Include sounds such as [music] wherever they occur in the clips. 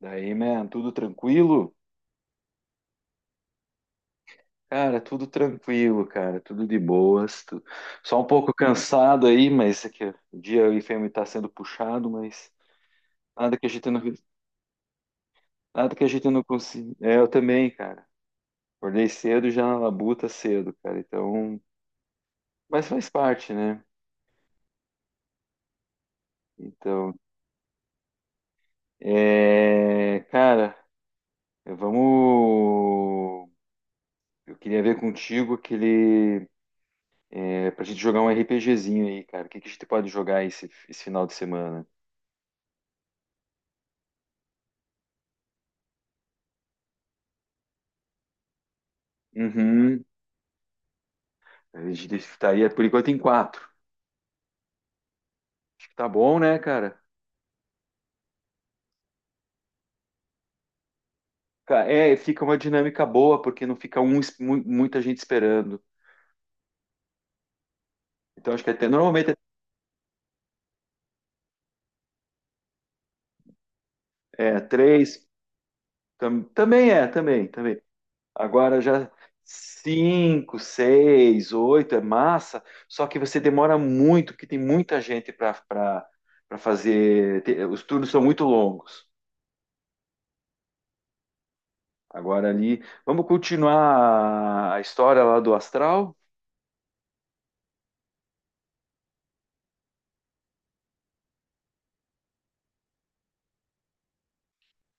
Daí, man, tudo tranquilo? Cara, tudo tranquilo, cara, tudo de boas. Só um pouco cansado aí, mas é que o dia aí tá sendo puxado, mas nada que a gente não, nada que a gente não consiga. É, eu também, cara. Acordei cedo e já na labuta cedo, cara. Então, mas faz parte, né? Então, é, cara, vamos. Eu queria ver contigo aquele, é, pra gente jogar um RPGzinho aí, cara. O que que a gente pode jogar esse final de semana? Uhum. A gente estaria por enquanto em quatro. Acho que tá bom, né, cara? É, fica uma dinâmica boa, porque não fica um, muita gente esperando. Então acho que até normalmente é três. Também é, também, também. Agora já cinco, seis, oito é massa, só que você demora muito, porque tem muita gente para fazer. Os turnos são muito longos. Agora ali. Vamos continuar a história lá do astral?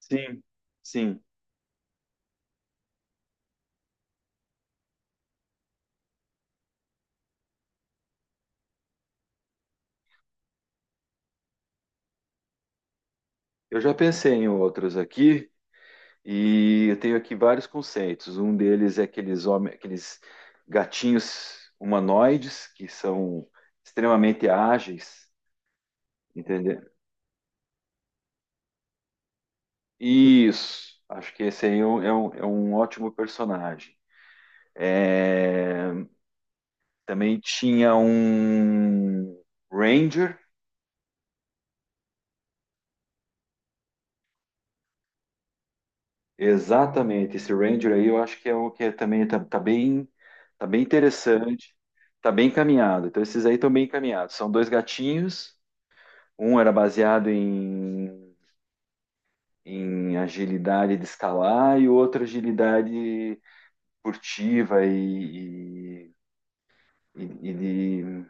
Sim, sim. Eu já pensei em outros aqui e eu tenho aqui vários conceitos. Um deles é aqueles gatinhos humanoides que são extremamente ágeis, entendeu? Isso, acho que esse aí é um ótimo personagem. É, também tinha um Ranger. Exatamente, esse Ranger aí eu acho que é o que é também tá bem interessante, tá bem encaminhado. Então esses aí estão bem encaminhados. São dois gatinhos, um era baseado em agilidade de escalar e o outro agilidade furtiva e, e- e de,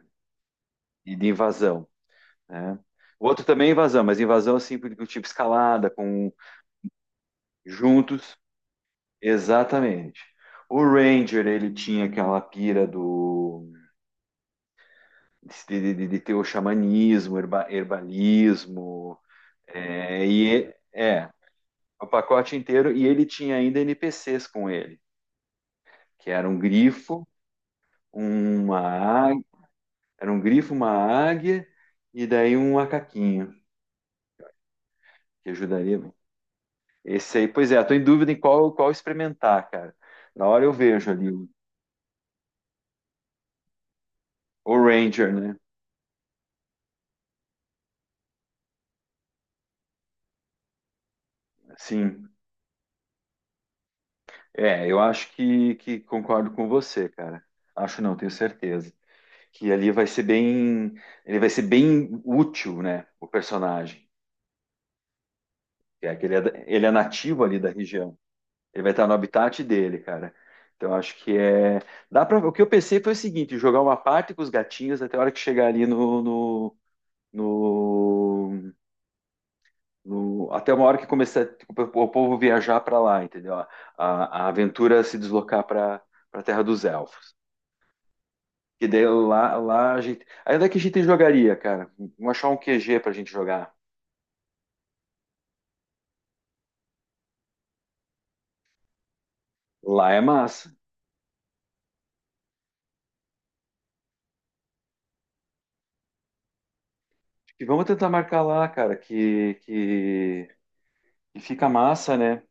e de invasão, né? O outro também é invasão, mas invasão assim do tipo escalada com juntos, exatamente. O Ranger, ele tinha aquela pira do de ter o xamanismo, herbalismo. É, e é, o pacote inteiro. E ele tinha ainda NPCs com ele, que era um grifo, uma águia, era um grifo, uma águia e daí um macaquinho que ajudaria. Esse aí, pois é, estou em dúvida em qual experimentar, cara. Na hora eu vejo ali o Ranger, né? Sim, é, eu acho que concordo com você, cara. Acho não, tenho certeza que ali vai ser bem, ele vai ser bem útil, né, o personagem. É que ele é nativo ali da região. Ele vai estar no habitat dele, cara. Então acho que é, dá para. O que eu pensei foi o seguinte: jogar uma parte com os gatinhos até a hora que chegar ali no- até uma hora que começar tipo, o povo viajar para lá, entendeu? A aventura se deslocar para Terra dos Elfos. Que daí lá a gente. Aí onde é que a gente jogaria, cara? Vamos achar um QG pra gente jogar. Lá é massa. Acho que vamos tentar marcar lá, cara, que fica massa, né?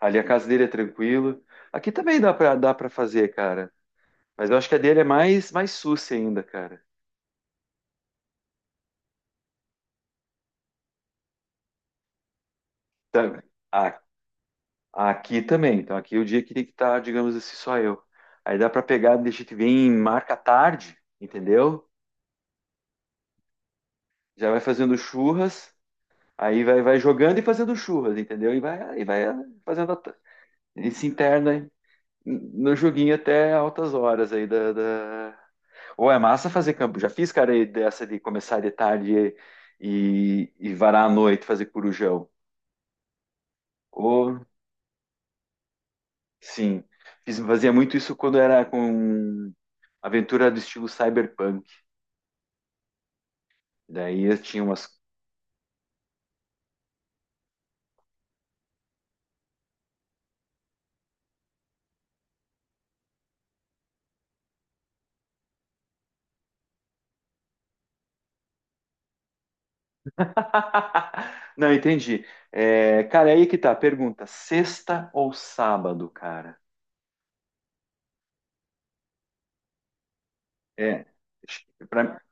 Ali a casa dele é tranquilo. Aqui também dá pra fazer, cara. Mas eu acho que a dele é mais, mais sucia ainda, cara. Tá- a- Aqui também. Então aqui é o dia que tem que estar, digamos assim, só eu. Aí dá pra pegar, deixa que vem, marca tarde, entendeu? Já vai fazendo churras, aí vai jogando e fazendo churras, entendeu? E vai fazendo. Ele se interna no joguinho até altas horas aí. Ou é massa fazer campo. Já fiz, cara, aí dessa de começar de tarde e varar à noite, fazer corujão. Ou, sim, fazia muito isso quando era com aventura do estilo cyberpunk. Daí eu tinha umas. [laughs] Não, entendi. É, cara, aí que tá. Pergunta: sexta ou sábado, cara? É. Pra,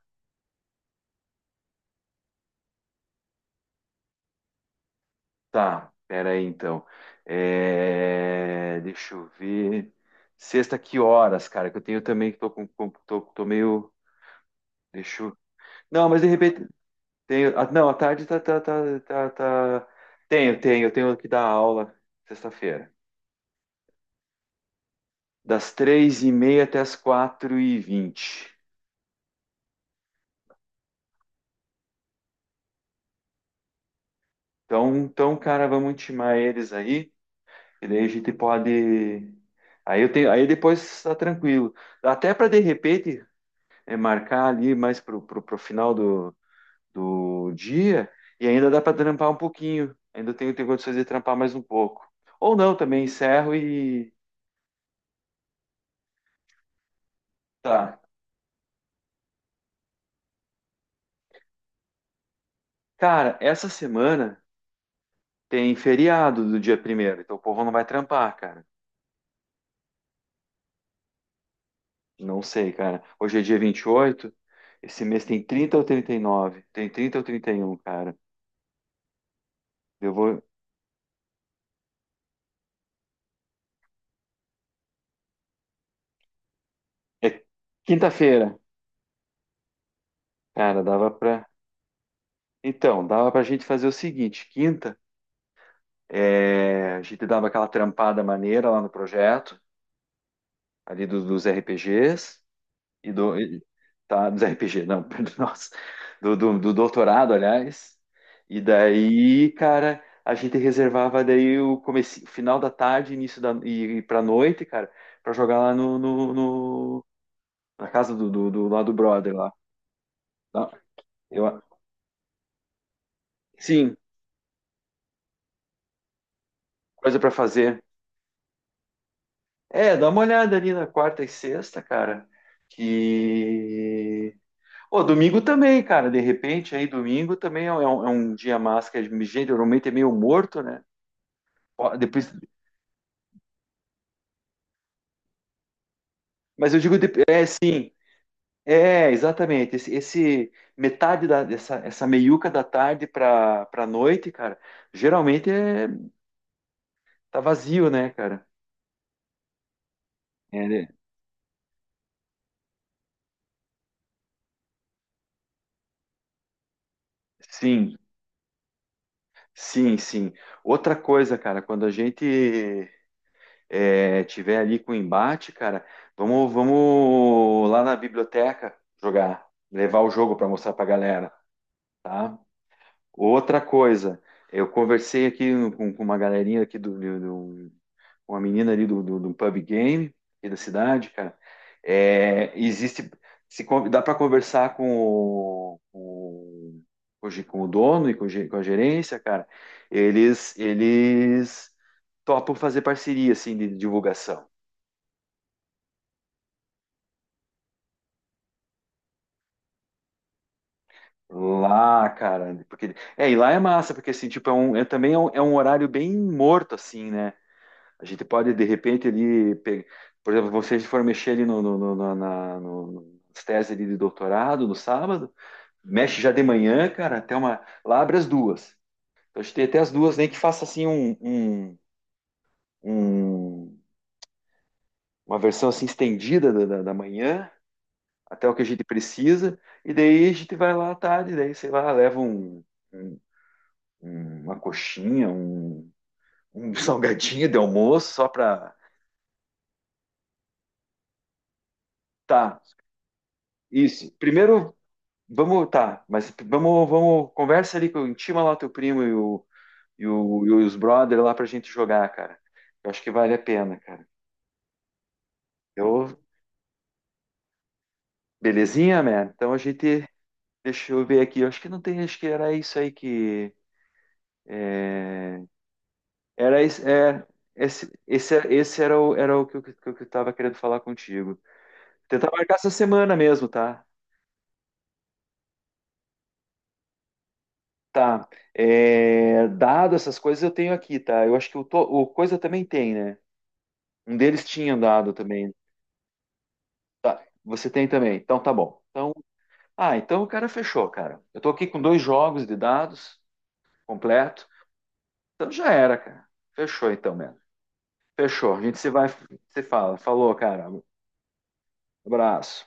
Tá, pera aí então. É, deixa eu ver. Sexta, que horas, cara? Que eu tenho também, que tô com- tô, tô meio. Deixa eu. Não, mas de repente. Tenho... não, à tarde tá, tá, tá, tá, tá. Eu tenho que dar aula sexta-feira. Das 3h30 até as 4h20. Então, cara, vamos intimar eles aí. E daí a gente pode. Aí eu tenho. Aí depois tá tranquilo. Até para de repente. É marcar ali mais pro final do dia, e ainda dá para trampar um pouquinho. Ainda tenho condições de trampar mais um pouco. Ou não, também encerro e tá. Cara, essa semana tem feriado do dia 1º, então o povo não vai trampar, cara. Não sei, cara. Hoje é dia 28. Esse mês tem 30 ou 39. Tem 30 ou 31, cara. Eu vou. É quinta-feira, cara, dava pra. Então, dava pra gente fazer o seguinte: quinta. É, a gente dava aquela trampada maneira lá no projeto, ali dos RPGs e do e- tá, dos RPG, não, [laughs] perdão, nossa, do doutorado, aliás. E daí, cara, a gente reservava daí o comece, o final da tarde, início e pra noite, cara, pra jogar lá na casa do lá do brother lá. Tá? Eu, sim, coisa pra fazer. É, dá uma olhada ali na quarta e sexta, cara. Que Pô, domingo também, cara. De repente, aí domingo também é um dia massa, que geralmente é meio morto, né? Ó, depois, mas eu digo, é sim, é exatamente. Metade da, dessa essa meiuca da tarde pra noite, cara, geralmente é, tá vazio, né, cara? É, né? Sim, sim, sim. Outra coisa, cara, quando a gente tiver ali com embate, cara, vamos lá na biblioteca jogar, levar o jogo para mostrar para galera, tá? Outra coisa, eu conversei aqui com uma galerinha aqui uma menina ali do pub game aqui da cidade, cara. É, existe, se con- dá para conversar com o dono e com a gerência, cara. Eles topam fazer parceria assim de divulgação. Lá, cara, porque é, e lá é massa, porque assim, tipo, é um horário bem morto, assim, né? A gente pode de repente ali, por exemplo, vocês for mexer ali no, no, no- no- na, no- nas teses ali de doutorado no sábado, mexe já de manhã, cara, até uma, lá abre as duas. Então a gente tem até as duas, nem que faça assim um, um- uma versão assim estendida da manhã até o que a gente precisa, e daí a gente vai lá à tarde, daí sei lá, leva um uma coxinha, um [laughs] salgadinho de almoço só para tá isso. Primeiro vamos tá, mas vamos conversa ali com intima lá o teu primo e os brother lá pra gente jogar, cara. Eu acho que vale a pena, cara. Eu Belezinha, man. Então a gente deixa eu ver aqui. Eu acho que não tem, acho que era isso aí, que era isso, é esse era o que eu tava querendo falar contigo. Tentar marcar essa semana mesmo, tá? Tá. É, dado essas coisas eu tenho aqui, tá? Eu acho que o coisa também tem, né? Um deles tinha dado também. Tá. Você tem também. Então tá bom. Então, o cara fechou, cara. Eu tô aqui com dois jogos de dados completo. Então já era, cara. Fechou então, mesmo. Fechou. A gente se vai, se fala. Falou, cara. Abraço.